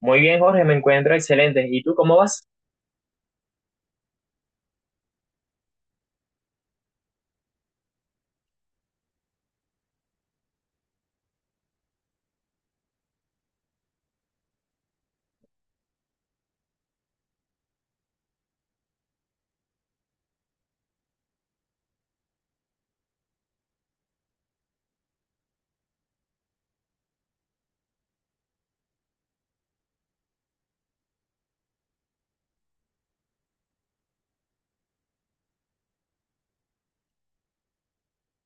Muy bien, Jorge, me encuentro excelente. ¿Y tú cómo vas?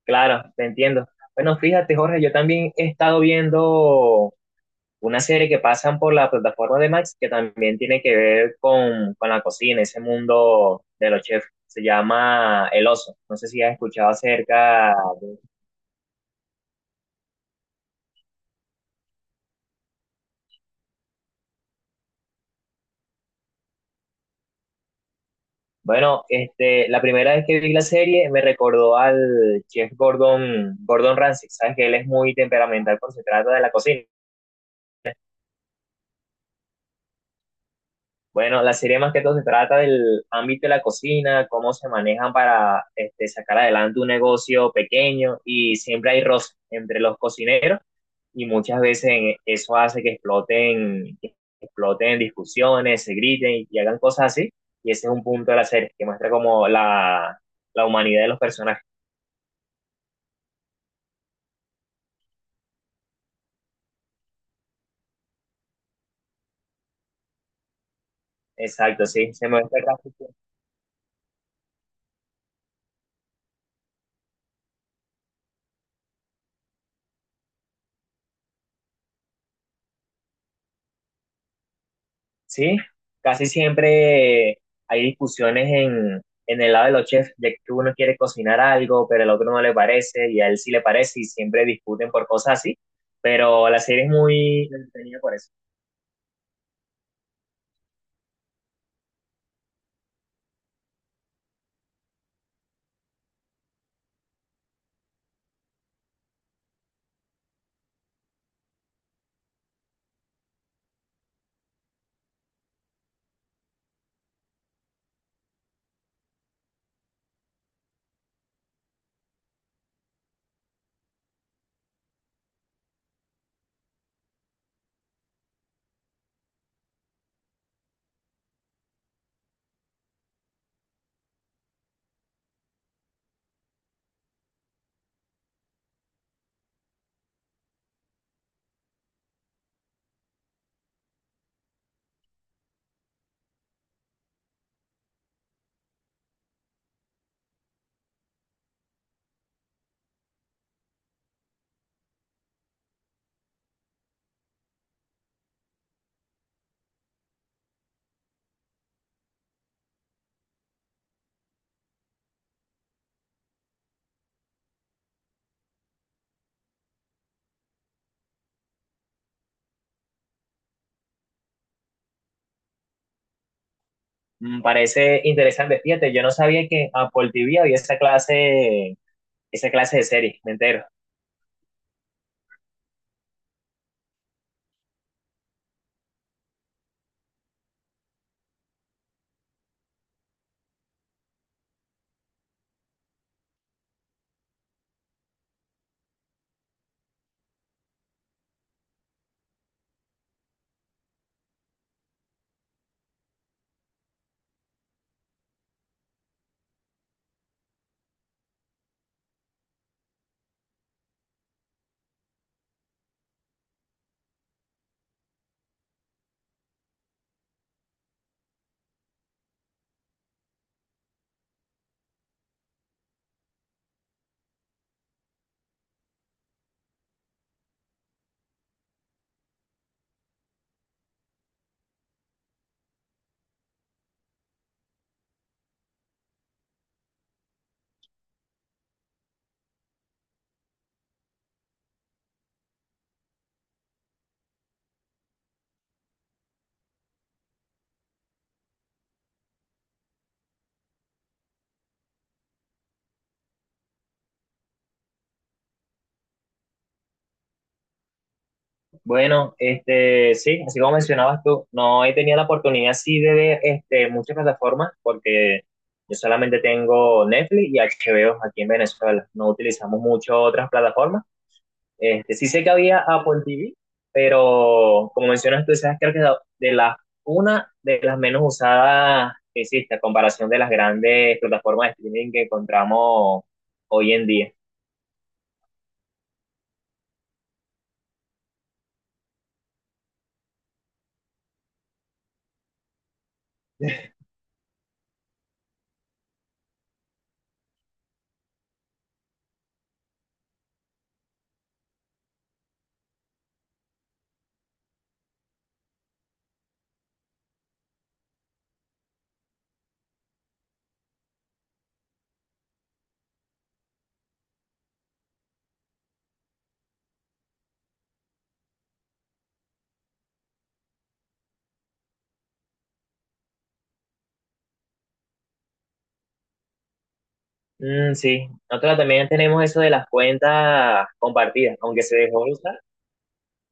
Claro, te entiendo. Bueno, fíjate, Jorge, yo también he estado viendo una serie que pasan por la plataforma de Max que también tiene que ver con la cocina, ese mundo de los chefs. Se llama El Oso. No sé si has escuchado acerca de- Bueno, este, la primera vez que vi la serie me recordó al chef Gordon Ramsay. Sabes que él es muy temperamental cuando se trata de la cocina. Bueno, la serie más que todo se trata del ámbito de la cocina, cómo se manejan para este, sacar adelante un negocio pequeño y siempre hay roces entre los cocineros y muchas veces eso hace que exploten discusiones, se griten y hagan cosas así. Y ese es un punto de la serie que muestra como la humanidad de los personajes. Exacto, sí, se muestra casi. Sí, casi siempre hay discusiones en el lado de los chefs, de que uno quiere cocinar algo, pero el otro no le parece, y a él sí le parece, y siempre discuten por cosas así. Pero la serie es muy entretenida por eso. Mm, parece interesante. Fíjate, yo no sabía que Apple TV había esa clase de series, me entero. Bueno, este, sí, así como mencionabas tú, no he tenido la oportunidad sí de ver este, muchas plataformas porque yo solamente tengo Netflix y HBO aquí en Venezuela. No utilizamos mucho otras plataformas. Este, sí sé que había Apple TV, pero como mencionas tú, esa es creo que de las, una de las menos usadas que existe a comparación de las grandes plataformas de streaming que encontramos hoy en día. Mm, sí, nosotros también tenemos eso de las cuentas compartidas, aunque se dejó de usar,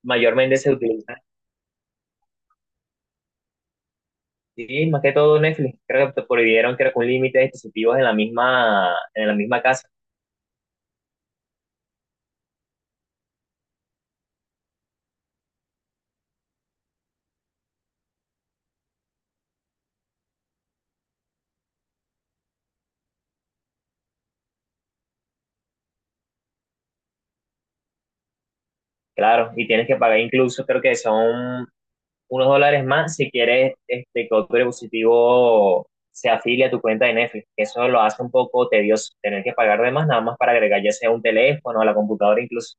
mayormente se utiliza. Sí, más que todo Netflix, creo que prohibieron creo que un límite de dispositivos en la misma casa, claro, y tienes que pagar incluso, creo que son unos dólares más si quieres este, que otro dispositivo se afilie a tu cuenta de Netflix. Eso lo hace un poco tedioso, tener que pagar de más nada más para agregar ya sea un teléfono, a la computadora incluso.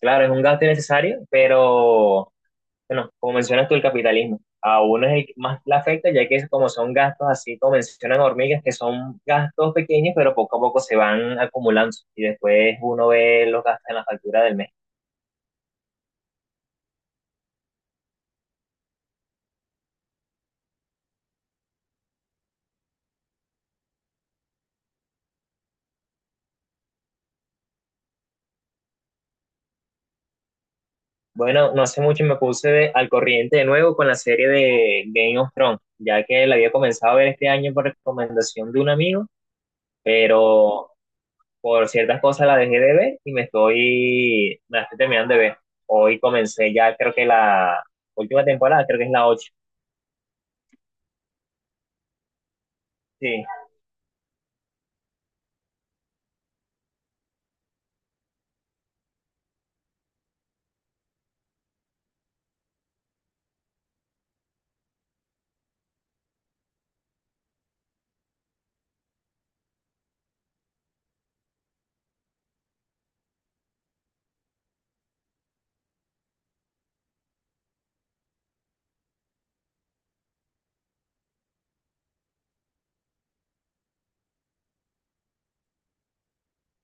Claro, es un gasto innecesario, pero bueno, como mencionas tú, el capitalismo. A uno es el que más le afecta, ya que como son gastos, así como mencionan hormigas, que son gastos pequeños, pero poco a poco se van acumulando y después uno ve los gastos en la factura del mes. Bueno, no hace mucho me puse al corriente de nuevo con la serie de Game of Thrones, ya que la había comenzado a ver este año por recomendación de un amigo, pero por ciertas cosas la dejé de ver y me la estoy terminando de ver. Hoy comencé ya, creo que la última temporada, creo que es la ocho. Sí.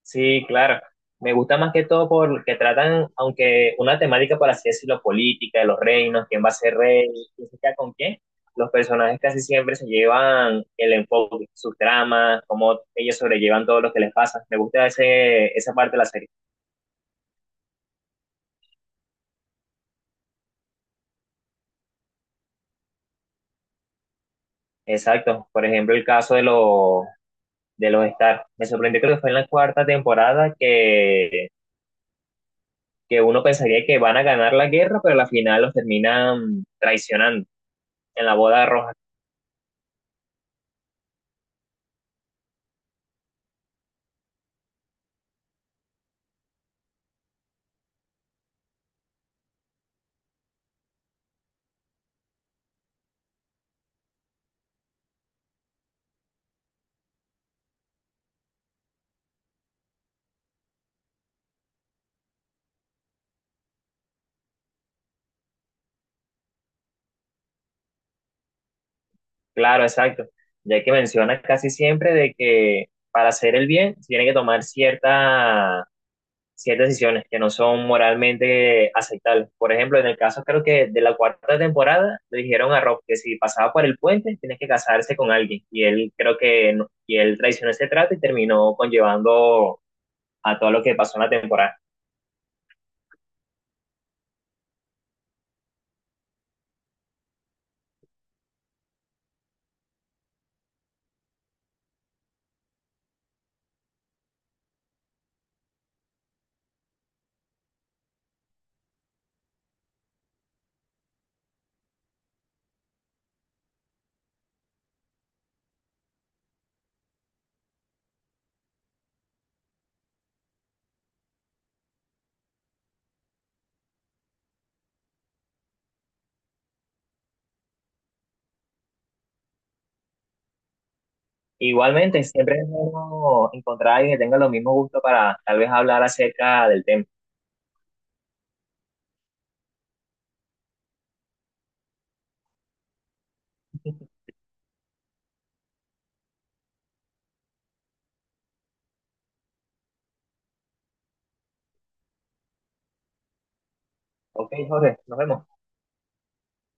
Sí, claro. Me gusta más que todo porque tratan, aunque una temática, por así decirlo, política, de los reinos, quién va a ser rey, quién se queda con quién, los personajes casi siempre se llevan el enfoque, sus tramas, cómo ellos sobrellevan todo lo que les pasa. Me gusta ese, esa parte de la serie. Exacto. Por ejemplo, el caso de los Stark. Me sorprendió creo que fue en la cuarta temporada que uno pensaría que van a ganar la guerra, pero al final los terminan traicionando en la boda roja. Claro, exacto. Ya que mencionas casi siempre de que para hacer el bien se tiene que tomar cierta, ciertas decisiones que no son moralmente aceptables. Por ejemplo, en el caso creo que de la cuarta temporada le dijeron a Rob que si pasaba por el puente tiene que casarse con alguien. Y él creo que y él traicionó ese trato y terminó conllevando a todo lo que pasó en la temporada. Igualmente, siempre es bueno encontrar a alguien que tenga los mismos gustos para tal vez hablar acerca del tema. Ok, Jorge, nos vemos.